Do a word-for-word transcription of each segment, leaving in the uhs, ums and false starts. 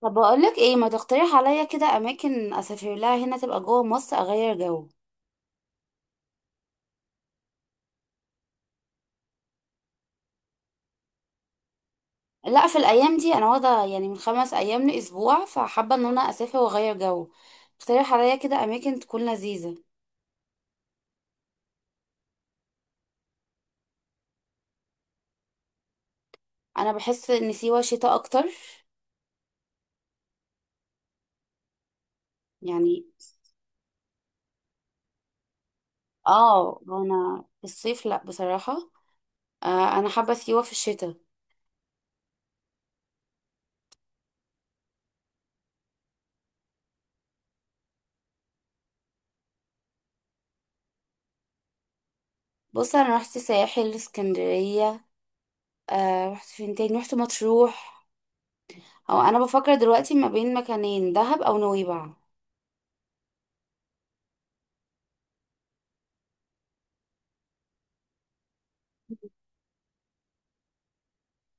طب، بقولك ايه، ما تقترح عليا كده اماكن اسافر لها هنا تبقى جوه مصر اغير جو؟ لا، في الايام دي انا واخده يعني من خمس ايام لاسبوع، فحابه ان انا اسافر واغير جو. اقترح عليا كده اماكن تكون لذيذه. انا بحس ان سيوه شتاء اكتر، يعني. اه، انا في الصيف لا بصراحه. آه، انا حابه سيوه في الشتاء. بص، انا رحت ساحل اسكندريه. آه، رحت فين تاني، رحت مطروح. او انا بفكر دلوقتي ما بين مكانين، دهب او نويبع.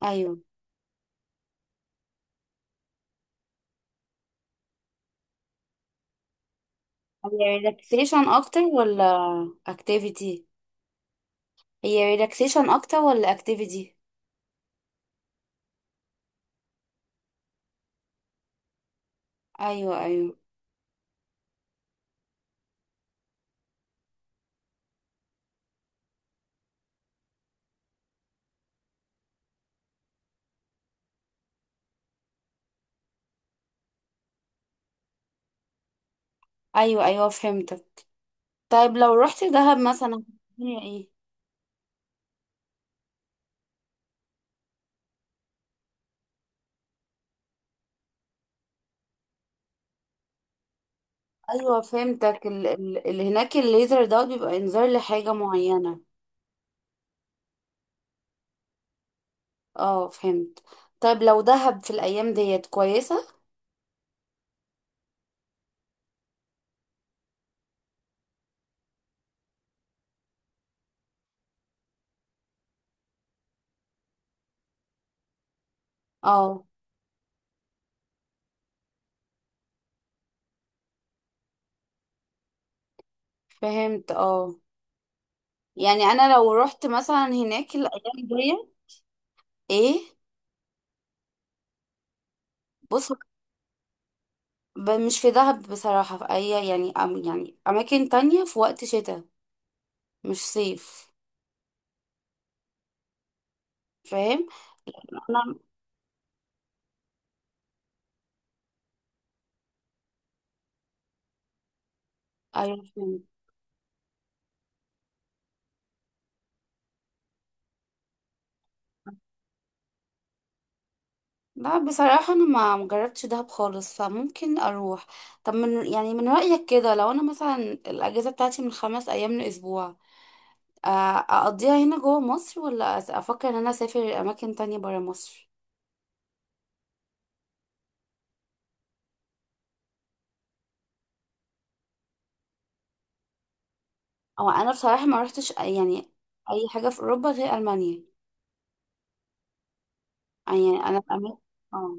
ايوه. هي ريلاكسيشن اكتر ولا اكتيفيتي؟ هي ريلاكسيشن اكتر ولا اكتيفيتي؟ ايوه، ايوه. ايوه، ايوه، فهمتك. طيب، لو رحت دهب مثلا. هي ايه؟ ايوه، فهمتك. ال ال اللي هناك الليزر ده بيبقى انذار لحاجه معينه. اه، فهمت. طيب، لو دهب في الايام ديت كويسه؟ اه. فهمت، اه. يعني انا لو رحت مثلا هناك الايام ديت؟ ايه. بص. ب- مش في دهب بصراحة، في أي، يعني، أم يعني أماكن تانية في وقت شتاء، مش صيف. فاهم. انا ايوه، فهمت. لا بصراحة، انا ما مجربتش دهب خالص، فممكن اروح. طب من يعني من رأيك كده، لو انا مثلا، الاجازة بتاعتي من خمس ايام لاسبوع، آه، اقضيها هنا جوه مصر، ولا أس- افكر ان انا اسافر اماكن تانية برا مصر؟ او انا بصراحة ما روحتش أي- يعني اي حاجة في اوروبا غير المانيا. يعني انا في اماكن. اه.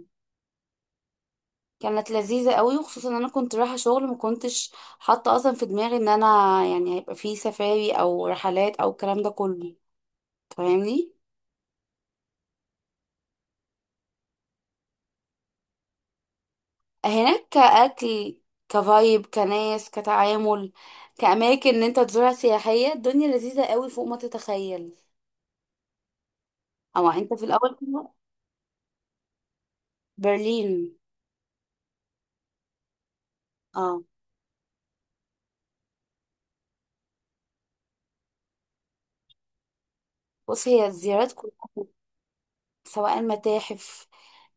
كانت لذيذة قوي، وخصوصا ان انا كنت رايحة شغل، ما كنتش حاطة اصلا في دماغي ان انا يعني هيبقى في سفاري او رحلات او الكلام ده كله. فاهمني؟ هناك كأكل، كفايب، كناس، كتعامل، كأماكن ان انت تزورها سياحية، الدنيا لذيذة قوي فوق ما تتخيل. او انت في الاول كده. برلين. اه. بص، هي الزيارات كلها، سواء متاحف،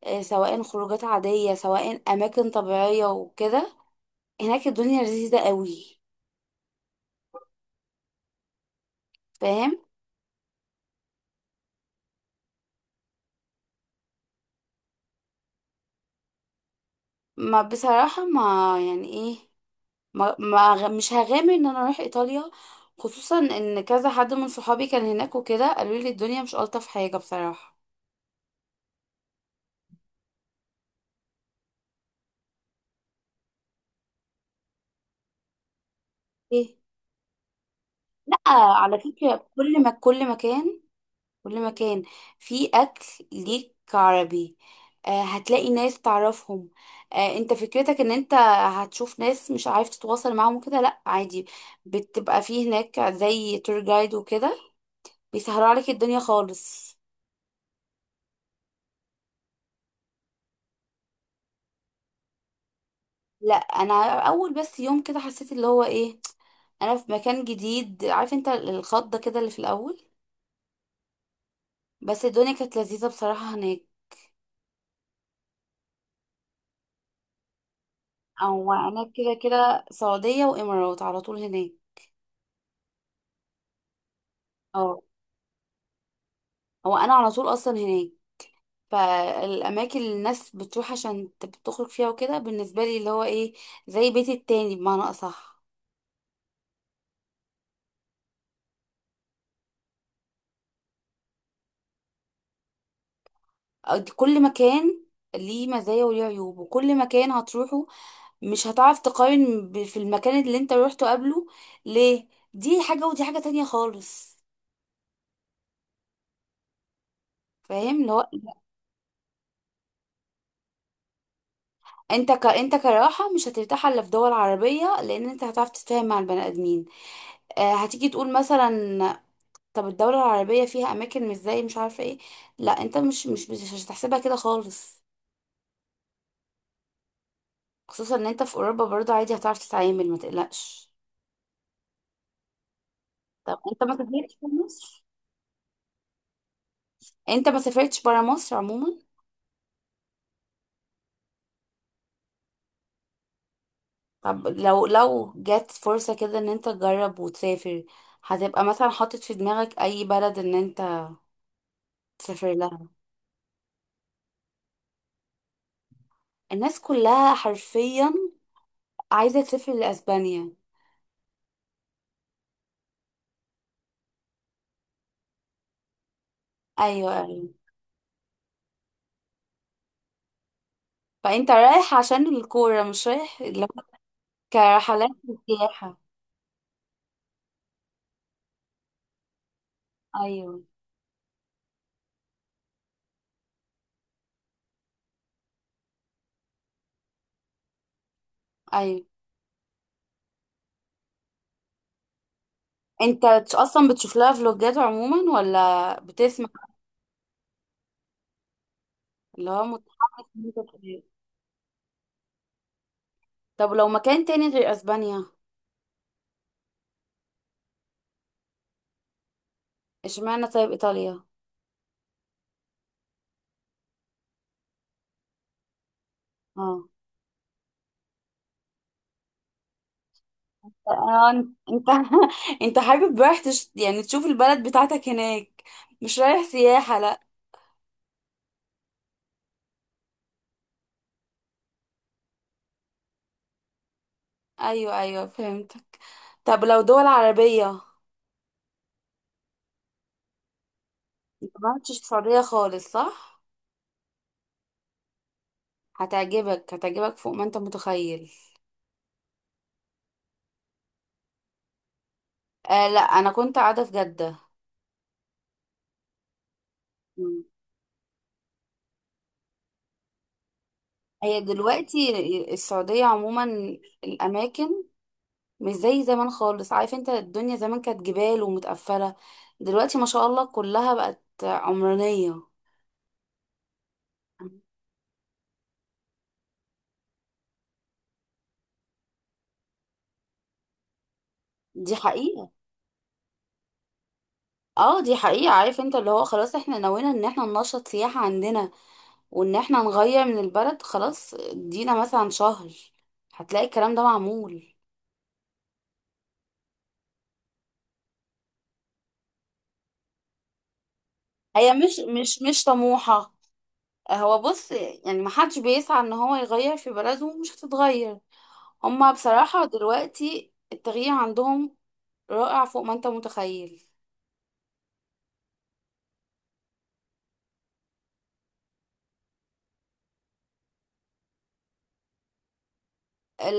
آه، سواء خروجات عادية، سواء أماكن طبيعية وكده، هناك الدنيا لذيذة قوي. فاهم؟ ما بصراحة ما يعني ايه، ما, ما غ- مش هغامر ان انا اروح ايطاليا، خصوصا ان كذا حد من صحابي كان هناك وكده، قالوا لي الدنيا مش الطف حاجة بصراحة. ايه. لا على فكرة، كل ما كل مكان، كل مكان، في أكل ليك عربي. آه، هتلاقي ناس تعرفهم. آه، انت فكرتك ان انت هتشوف ناس مش عارف تتواصل معاهم وكده، لا عادي. بتبقى في هناك زي تور جايد وكده، بيسهروا عليك الدنيا خالص. لا، انا اول بس يوم كده حسيت اللي هو ايه، انا في مكان جديد، عارف انت الخضه كده اللي في الاول. بس الدنيا كانت لذيذه بصراحه هناك. او انا كده كده سعوديه وامارات على طول هناك. اه. هو انا على طول اصلا هناك. فالاماكن اللي الناس بتروح عشان تب- تخرج فيها وكده، بالنسبه لي اللي هو ايه، زي بيتي التاني بمعنى اصح. أو دي- كل مكان ليه مزايا وليه عيوب، وكل مكان هتروحه مش هتعرف تقارن ب- في المكان اللي انت روحته قبله، ليه، دي حاجة ودي حاجة تانية خالص. فاهم اللي هو، انت ك... انت كراحة مش هترتاح الا في دول عربية، لان انت هتعرف تتفاهم مع البني ادمين. آه، هتيجي تقول مثلا، طب الدولة العربية فيها اماكن مش زي، مش عارفة ايه. لا، انت مش مش مش هتحسبها كده خالص، خصوصا ان انت في اوروبا برضه عادي هتعرف تتعامل، ما تقلقش. طب انت ما سافرتش في مصر؟ انت ما سافرتش برا مصر عموما؟ طب لو لو جت فرصة كده ان انت تجرب وتسافر، هتبقى مثلا حاطط في دماغك اي بلد ان انت تسافر لها؟ الناس كلها حرفيا عايزة تسافر لأسبانيا. ايوه، ايوه. فانت رايح عشان الكورة، مش رايح لو كرحلات وسياحة؟ ايوه، ايوه. انت تش- اصلا بتشوف لها فلوجات عموما ولا بتسمع، اللي هو متحمس إن أنت تروح؟ طب لو مكان تاني غير اسبانيا؟ اشمعنى طيب ايطاليا؟ اه. آه، انت انت انت حابب رايح تش... يعني تشوف البلد بتاعتك هناك، مش رايح سياحة، لا؟ ايوه، ايوه، فهمتك. طب لو دول عربية؟ انت ما رحتش السعودية خالص، صح؟ هتعجبك، هتعجبك فوق ما انت متخيل. آه، لا، انا كنت قاعدة في جدة. مم. هي دلوقتي، السعودية عموما، الأماكن مش زي زمان خالص، عارف انت الدنيا زمان كانت جبال ومتقفلة، دلوقتي ما شاء الله كلها بقت عمرانية. دي حقيقة. اه، دي حقيقة، عارف انت اللي هو خلاص احنا نوينا ان احنا ننشط سياحة عندنا، وان احنا نغير من البلد، خلاص، ادينا مثلا شهر، هتلاقي الكلام ده معمول. هي مش مش مش طموحة، هو بص، يعني محدش بيسعى ان هو يغير في بلده ومش هتتغير. هما بصراحة دلوقتي التغيير عندهم رائع فوق ما انت متخيل.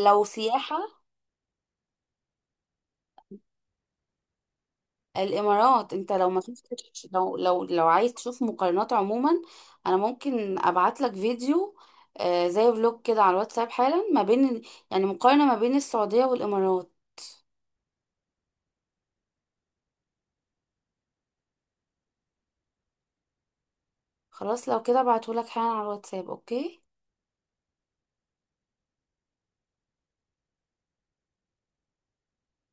لو سياحة، الامارات، انت لو ما شفتش، لو لو لو عايز تشوف مقارنات عموما، انا ممكن ابعت لك فيديو، آه، زي فلوج كده على الواتساب حالا، ما بين يعني مقارنة ما بين السعودية والامارات. خلاص، لو كده ابعته لك حالا على الواتساب، اوكي؟